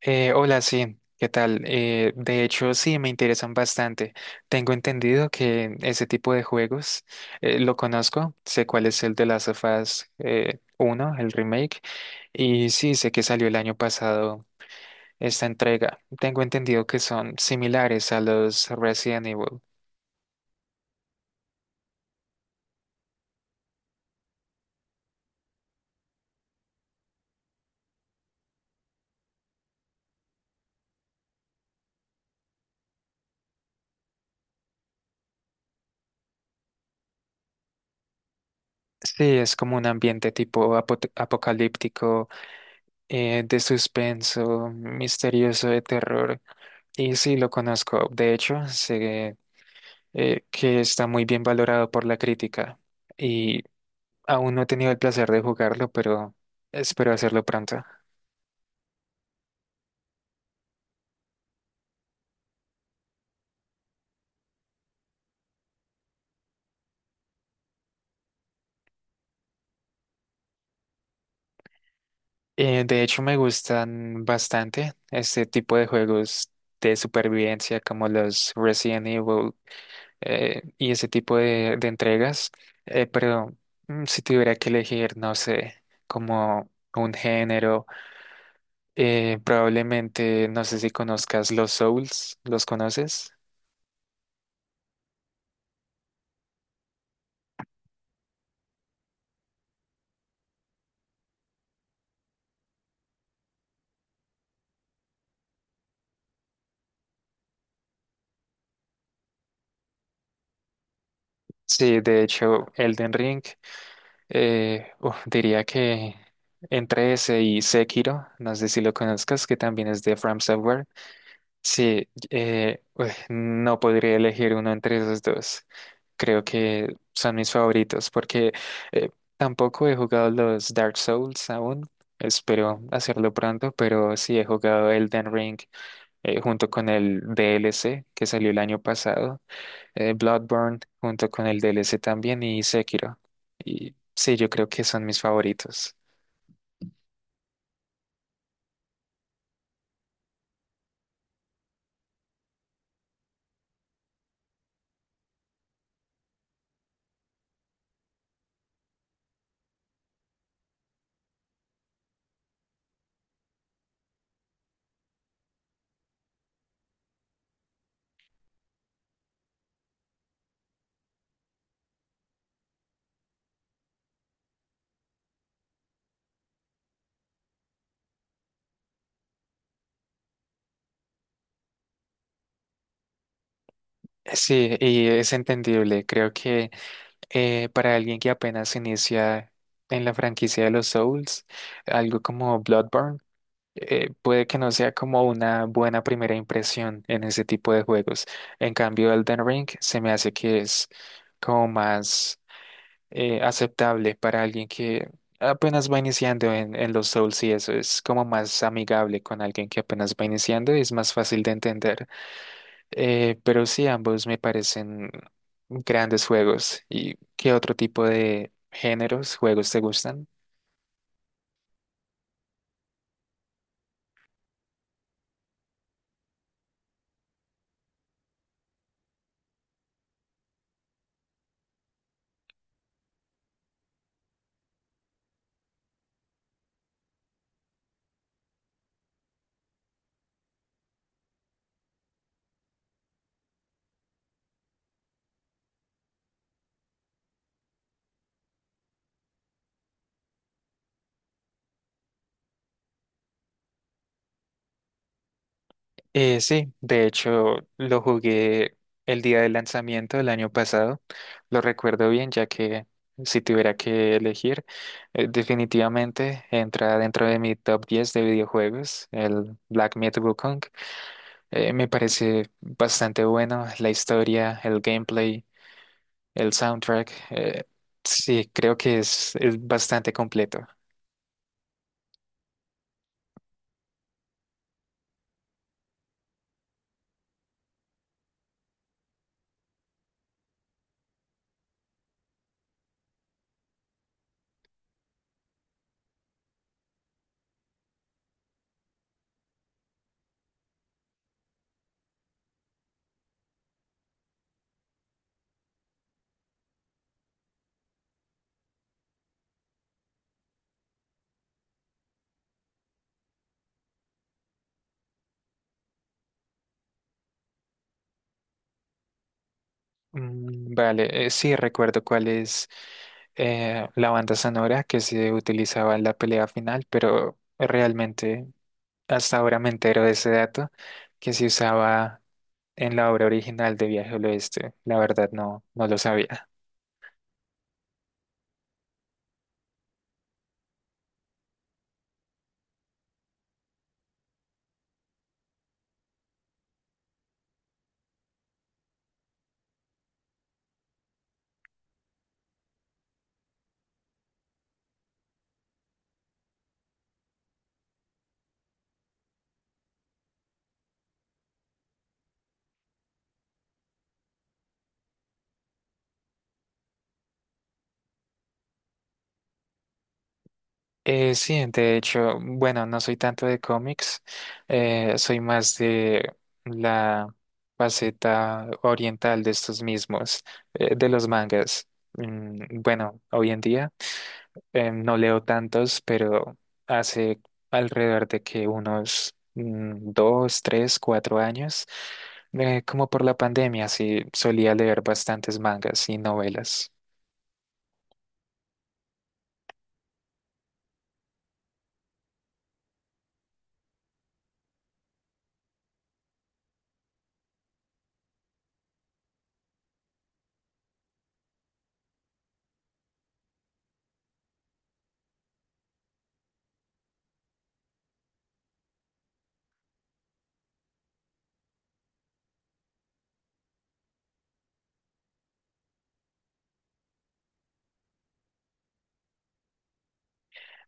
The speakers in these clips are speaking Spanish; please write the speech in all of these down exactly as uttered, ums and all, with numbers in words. Eh, hola, sí, ¿qué tal? Eh, de hecho, sí, me interesan bastante. Tengo entendido que ese tipo de juegos eh, lo conozco, sé cuál es el de Last of Us, eh, uno, el remake, y sí, sé que salió el año pasado esta entrega. Tengo entendido que son similares a los Resident Evil. Sí, es como un ambiente tipo apo- apocalíptico, eh, de suspenso, misterioso, de terror. Y sí, lo conozco. De hecho, sé eh, que está muy bien valorado por la crítica, y aún no he tenido el placer de jugarlo, pero espero hacerlo pronto. Eh, de hecho, me gustan bastante este tipo de juegos de supervivencia como los Resident Evil, eh, y ese tipo de, de entregas. Eh, pero mm, si tuviera que elegir, no sé, como un género, eh, probablemente, no sé si conozcas los Souls, ¿los conoces? Sí, de hecho, Elden Ring. Eh, uf, diría que entre ese y Sekiro, no sé si lo conozcas, que también es de From Software. Sí, eh, uy, no podría elegir uno entre esos dos. Creo que son mis favoritos porque eh, tampoco he jugado los Dark Souls aún. Espero hacerlo pronto, pero sí he jugado Elden Ring, eh, junto con el D L C que salió el año pasado, eh, Bloodborne junto con el D L C también, y Sekiro. Y sí, yo creo que son mis favoritos. Eh, Sí, y es entendible. Creo que eh, para alguien que apenas inicia en la franquicia de los Souls, algo como Bloodborne, eh, puede que no sea como una buena primera impresión en ese tipo de juegos. En cambio, Elden Ring se me hace que es como más eh, aceptable para alguien que apenas va iniciando en, en los Souls, y eso es como más amigable con alguien que apenas va iniciando, y es más fácil de entender. Eh, pero sí, ambos me parecen grandes juegos. ¿Y qué otro tipo de géneros, juegos te gustan? Eh, sí, de hecho lo jugué el día del lanzamiento del año pasado. Lo recuerdo bien, ya que si tuviera que elegir, eh, definitivamente entra dentro de mi top diez de videojuegos, el Black Myth Wukong. Eh, me parece bastante bueno la historia, el gameplay. El soundtrack, eh, sí, creo que es, es bastante completo. Mm, Vale, eh, sí, recuerdo cuál es eh, la banda sonora que se utilizaba en la pelea final, pero realmente hasta ahora me entero de ese dato, que se usaba en la obra original de Viaje al Oeste. La verdad no, no lo sabía. Eh, sí, de hecho, bueno, no soy tanto de cómics, eh, soy más de la faceta oriental de estos mismos, eh, de los mangas. Mm, bueno, hoy en día eh, no leo tantos, pero hace alrededor de que unos mm, dos, tres, cuatro años, eh, como por la pandemia, sí solía leer bastantes mangas y novelas.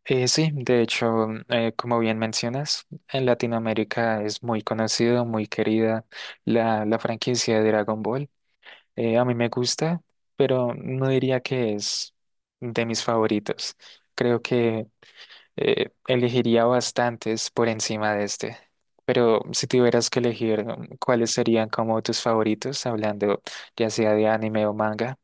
Eh, sí, de hecho, eh, como bien mencionas, en Latinoamérica es muy conocido, muy querida la, la franquicia de Dragon Ball. Eh, a mí me gusta, pero no diría que es de mis favoritos. Creo que eh, elegiría bastantes por encima de este. Pero si tuvieras que elegir, ¿cuáles serían como tus favoritos, hablando ya sea de anime o manga?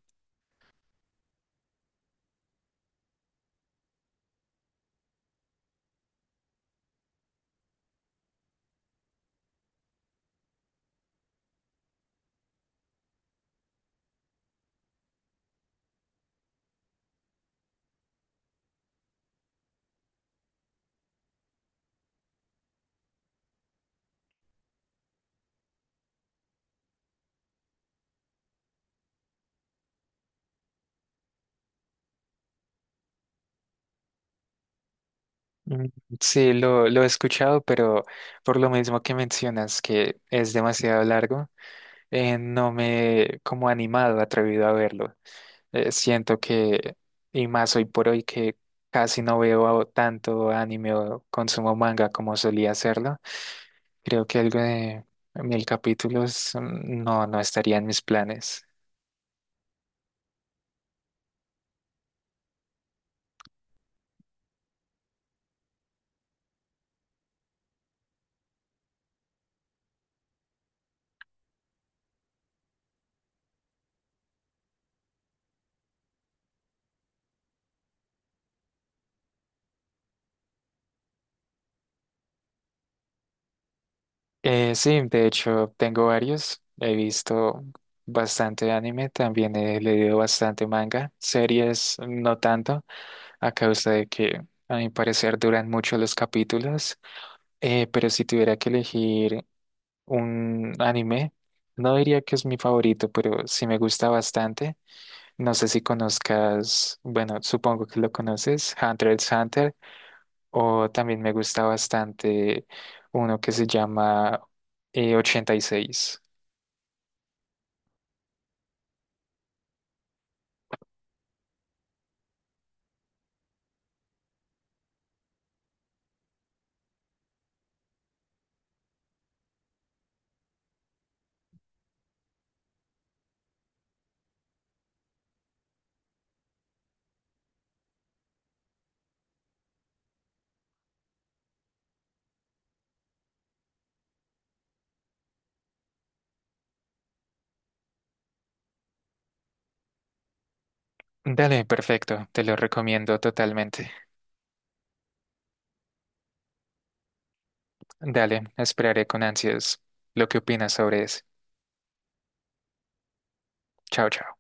Mm, Sí, lo, lo he escuchado, pero por lo mismo que mencionas que es demasiado largo, eh, no me he como animado, atrevido a verlo. Eh, siento que, y más hoy por hoy, que casi no veo tanto anime o consumo manga como solía hacerlo. Creo que algo de mil capítulos, mm, no, no estaría en mis planes. Eh, sí, de hecho tengo varios. He visto bastante anime, también he leído bastante manga. Series no tanto, a causa de que a mi parecer duran mucho los capítulos. Eh, pero si tuviera que elegir un anime, no diría que es mi favorito, pero sí me gusta bastante. No sé si conozcas, bueno, supongo que lo conoces, Hunter x Hunter, o también me gusta bastante uno que se llama eh, ochenta y seis. Dale, perfecto, te lo recomiendo totalmente. Dale, esperaré con ansias lo que opinas sobre eso. Chao, chao.